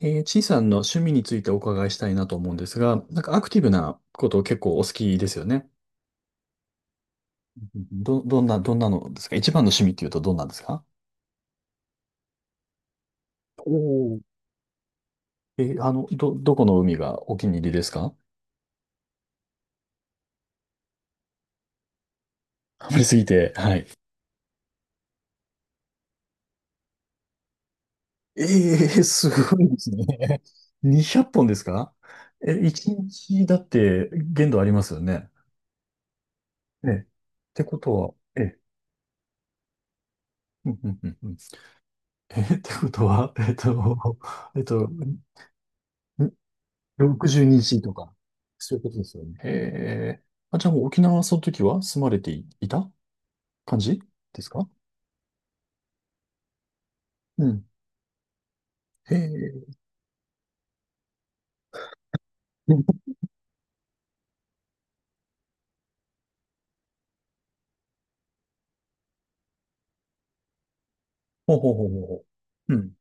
ちいさんの趣味についてお伺いしたいなと思うんですが、なんかアクティブなことを結構お好きですよね。どんなのですか？一番の趣味っていうとどんなんですか？おおー。どこの海がお気に入りですか？ハマりすぎて。はい。ええ、すごいですね。200本ですか？え、1日だって限度ありますよね。ええ、ってことは、ええ、うんうんうんうん。え、ってことは、えっと、62日とか、そういうことですよね。へえ。あ、じゃあもう沖縄はその時は住まれていいた感じですか？うん。へえ。ほうほうほうほうほう。うん。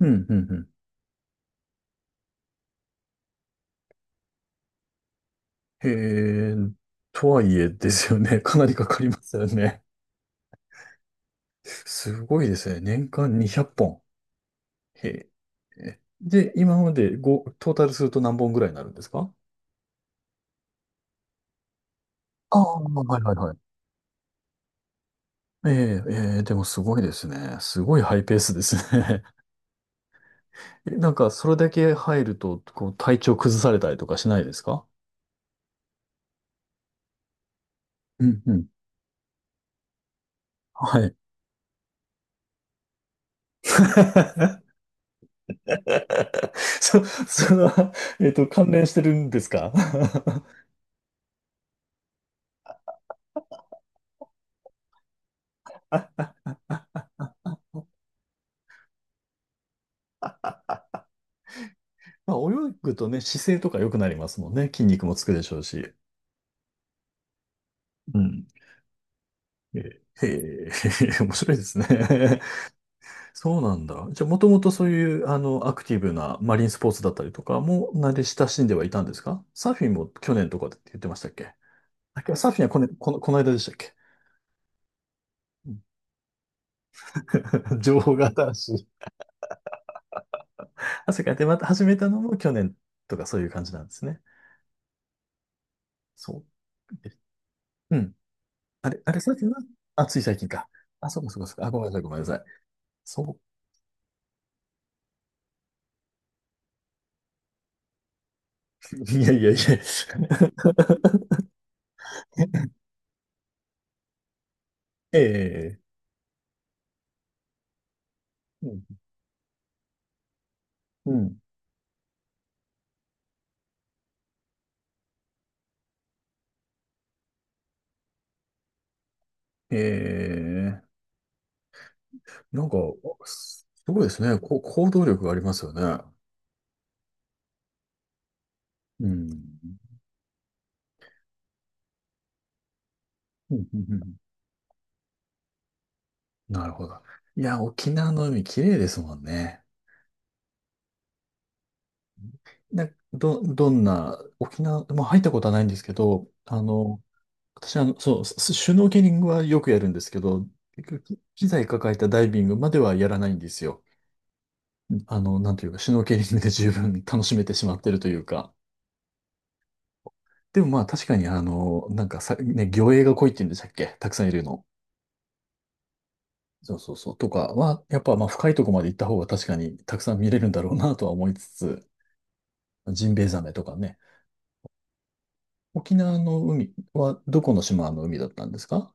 うん、うん、うん。へえ。とはいえですよね。かなりかかりますよね。すごいですね。年間200本。へえ。で、今までごトータルすると何本ぐらいになるんですか？ああ、はいはいはい。ええ、ええ、でもすごいですね。すごいハイペースですね。え、なんか、それだけ入ると、こう、体調崩されたりとかしないですか？うんうん。はい。そ、その、関連してるんですか？ まあ、泳ぐとね、姿勢とか良くなりますもんね。筋肉もつくでしょうし。うん。えへえ、面白いですね。そうなんだ。じゃあ、もともとそういう、アクティブなマリンスポーツだったりとかも、慣れ親しんではいたんですか？サーフィンも去年とかって言ってましたっけ？あ、サーフィンはこの間でしたっけ？ 情報が新しい。あ、それか。で、また始めたのも去年とかそういう感じなんですね。そう。えうん。あれ、あれ、さっきの、あ、つい最近か。あ、そうか、そうか、そうか。あ、ごめんなさい、ごめんなさい。そう。いやいやいや。ええ、うん。うん、ええ、なんか、すごいですね。こう、行動力がありますよね。うん。うんうんうん、なるほど。いや、沖縄の海綺麗ですもんね。な、ど、どんな、沖縄、まあ入ったことはないんですけど、私はスシュノーケリングはよくやるんですけど、結局機材抱えたダイビングまではやらないんですよ。なんというか、シュノーケリングで十分楽しめてしまってるというか。でもまあ確かになんかさ、ね、魚影が濃いって言うんでしたっけ？たくさんいるの。そうそうそう。とかは、やっぱまあ深いとこまで行った方が確かにたくさん見れるんだろうなとは思いつつ、ジンベエザメとかね。沖縄の海はどこの島の海だったんですか？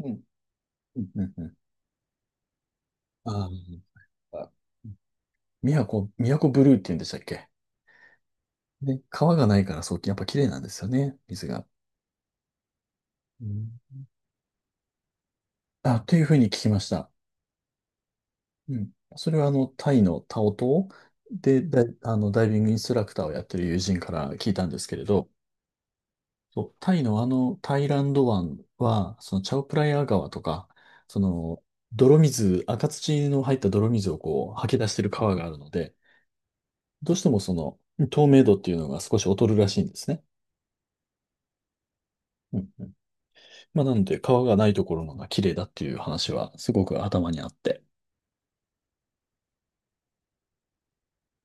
うん。うんうんうん。あー、あ、宮古ブルーって言うんでしたっけ？で、川がないからそう、やっぱ綺麗なんですよね、水が。うん。あ、というふうに聞きました。うん。それはタイのタオ島で、だい、あの、ダイビングインストラクターをやってる友人から聞いたんですけれど、そう、タイのタイランド湾は、そのチャオプライア川とか、その、泥水、赤土の入った泥水をこう、吐き出してる川があるので、どうしてもその透明度っていうのが少し劣るらしいんですね。うんうん。まあ、なので、川がないところのが綺麗だっていう話はすごく頭にあって。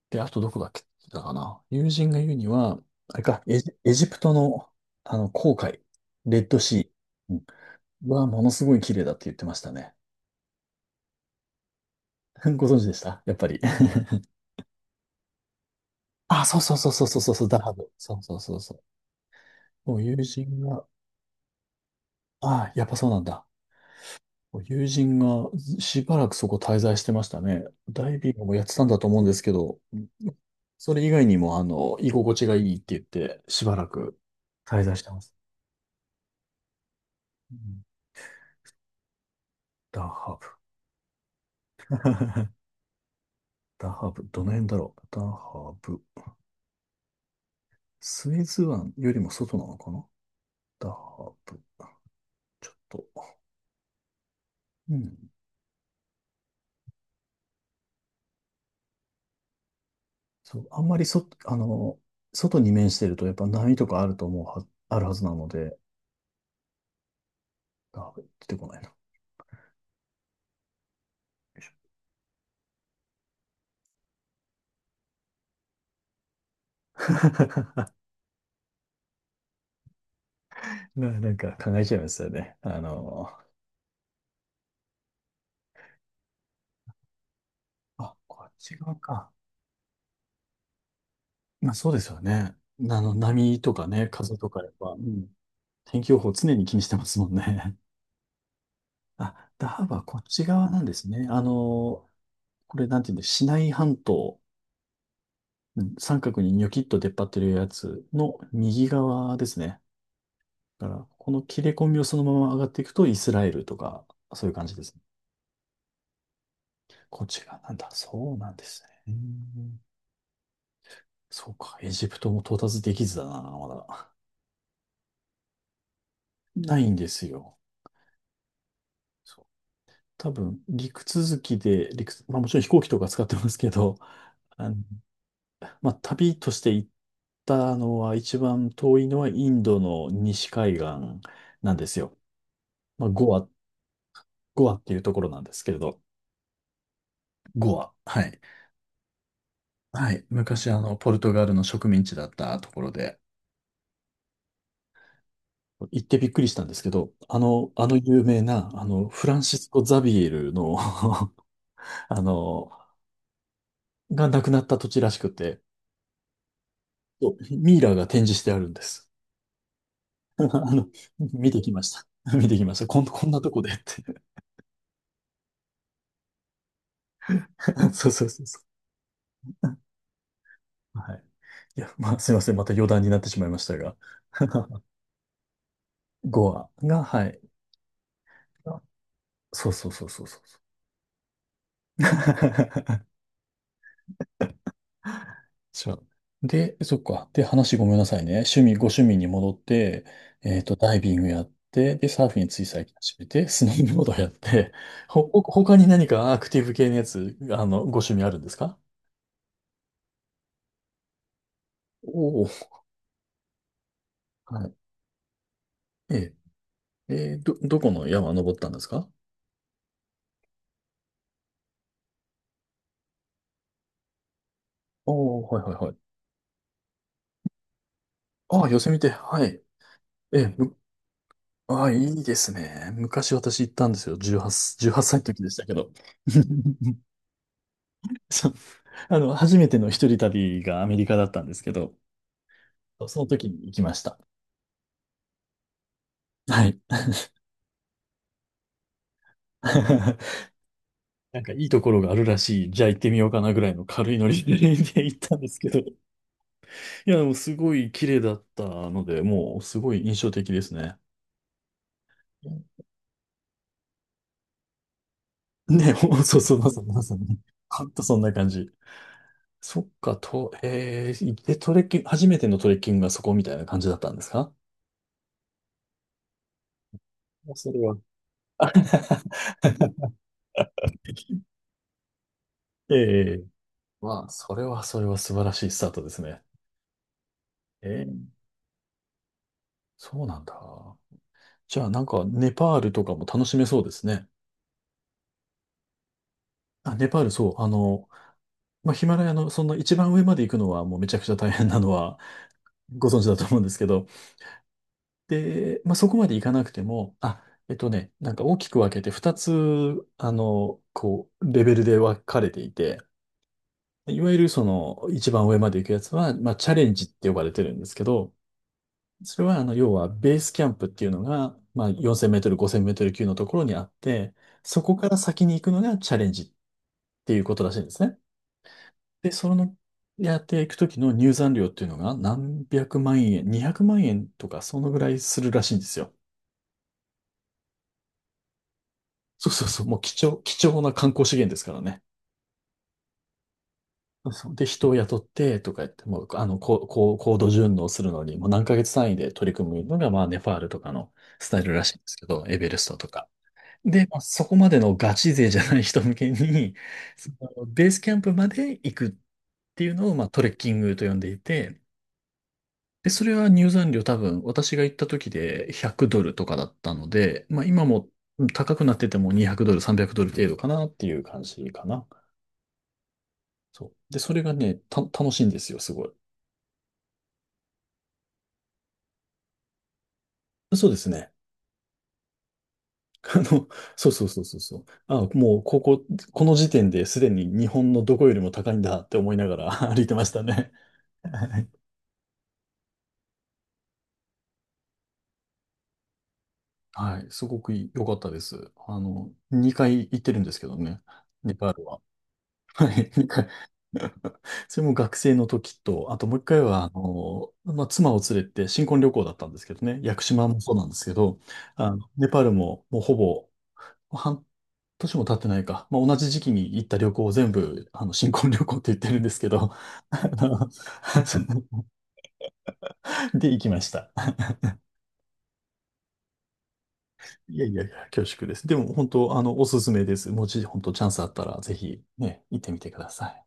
で、あとどこだっけだかな。友人が言うには、あれか、エジプトのあの紅海、レッドシー、うん、はものすごい綺麗だって言ってましたね。ご存知でしたやっぱり？あ、そうそうそうそうそうそう、ダハブ。そうそうそうそう。もう友人が、ああ、やっぱそうなんだ。友人がしばらくそこ滞在してましたね。ダイビングもやってたんだと思うんですけど、それ以外にも、居心地がいいって言って、しばらく滞在してます。うん、ダーハブ。ダーハブ。どの辺だろう。ダーハブ。スエズ湾よりも外なのかな？ダーハブ。ちょっと。うん。そう。あんまりそ、あの、外に面してると、やっぱ波とかあると思うは、あるはずなので、ダーハブ出てこないな。なんか考えちゃいますよね。あ、こっち側か。まあそうですよね。波とかね、風とかやっぱ、うん、天気予報常に気にしてますもんね。あ、ダハバこっち側なんですね。これなんていうんだ、シナイ半島、うん、三角にニョキッと出っ張ってるやつの右側ですね。だから、この切れ込みをそのまま上がっていくとイスラエルとか、そういう感じですね。こっち側なんだ。そうなんですね。うん、そうか、エジプトも到達できずだな、まだ。ないんですよ。そう、多分、陸続きで、陸、まあもちろん飛行機とか使ってますけど、あの、まあ旅として行ったのは一番遠いのはインドの西海岸なんですよ。まあゴアっていうところなんですけれど、ゴア。はい。はい。昔ポルトガルの植民地だったところで、行ってびっくりしたんですけど、あの有名な、フランシスコ・ザビエルの あの、が亡くなった土地らしくて、そう、ミイラが展示してあるんです。あの、見てきました。見てきました。こんなとこでって。そうそうそうそう。はい。いや、まあ、すいません。また余談になってしまいましたが。ゴアが、はい。そうそうそうそうそうそう。そう。で、そっか。で、話ごめんなさいね。趣味、ご趣味に戻って、ダイビングやって、で、サーフィンつい最近始めて、スノーボードやって、他に何かアクティブ系のやつ、ご趣味あるんですか？おおー。はい。ええ。どこの山登ったんですか？おー、はいはいはい。ああ、寄せみて、はい。えー、む、ああ、いいですね。昔私行ったんですよ。18歳の時でしたけど。そう。初めての一人旅がアメリカだったんですけど、その時に行きました。はい。なんかいいところがあるらしい。じゃあ行ってみようかなぐらいの軽いノリで 行ったんですけど。いや、でもすごい綺麗だったので、もうすごい印象的ですね。ね、そうそう、まさにまさに。ほんとそんな感じ。そっか、と、えー、で、トレッキング、初めてのトレッキングがそこみたいな感じだったんですか？もうそれは。あ、 ええ、まあ、それはそれは素晴らしいスタートですね。ええ、そうなんだ。じゃあ、なんか、ネパールとかも楽しめそうですね。あ、ネパール、そう、まあ、ヒマラヤの、そんな一番上まで行くのは、もうめちゃくちゃ大変なのは、ご存知だと思うんですけど、で、まあ、そこまでいかなくても、あ、なんか大きく分けて2つ、こう、レベルで分かれていて、いわゆるその一番上まで行くやつは、まあ、チャレンジって呼ばれてるんですけど、それは要はベースキャンプっていうのが、まあ、4000メートル、5000メートル級のところにあって、そこから先に行くのがチャレンジっていうことらしいんですね。で、やっていくときの入山料っていうのが何百万円、200万円とか、そのぐらいするらしいんですよ。そうそうそう、もう貴重な観光資源ですからね。そうそう、で、人を雇ってとか言って、もう、高度順応するのに、もう何ヶ月単位で取り組むのが、まあ、ネパールとかのスタイルらしいんですけど、エベレストとか。で、まあ、そこまでのガチ勢じゃない人向けに、そのベースキャンプまで行くっていうのを、まあ、トレッキングと呼んでいて、で、それは入山料多分、私が行った時で100ドルとかだったので、まあ、今も、うん、高くなってても200ドル、300ドル程度かなっていう感じかな。そう。で、それがね、楽しいんですよ、すごい。そうですね。あの、そうそうそうそうそう。あ、もう、この時点ですでに日本のどこよりも高いんだって思いながら 歩いてましたね。はい、はい、すごく良かったです。2回行ってるんですけどね、ネパールは。はい、2回。それも学生の時と、あともう一回は、まあ、妻を連れて新婚旅行だったんですけどね、屋久島もそうなんですけど、ネパールももうほぼ半年も経ってないか。まあ、同じ時期に行った旅行を全部、新婚旅行って言ってるんですけど、あの で、行きました。いやいやいや、恐縮です。でも、本当、おすすめです。もし、本当、チャンスあったら、ぜひ、ね、行ってみてください。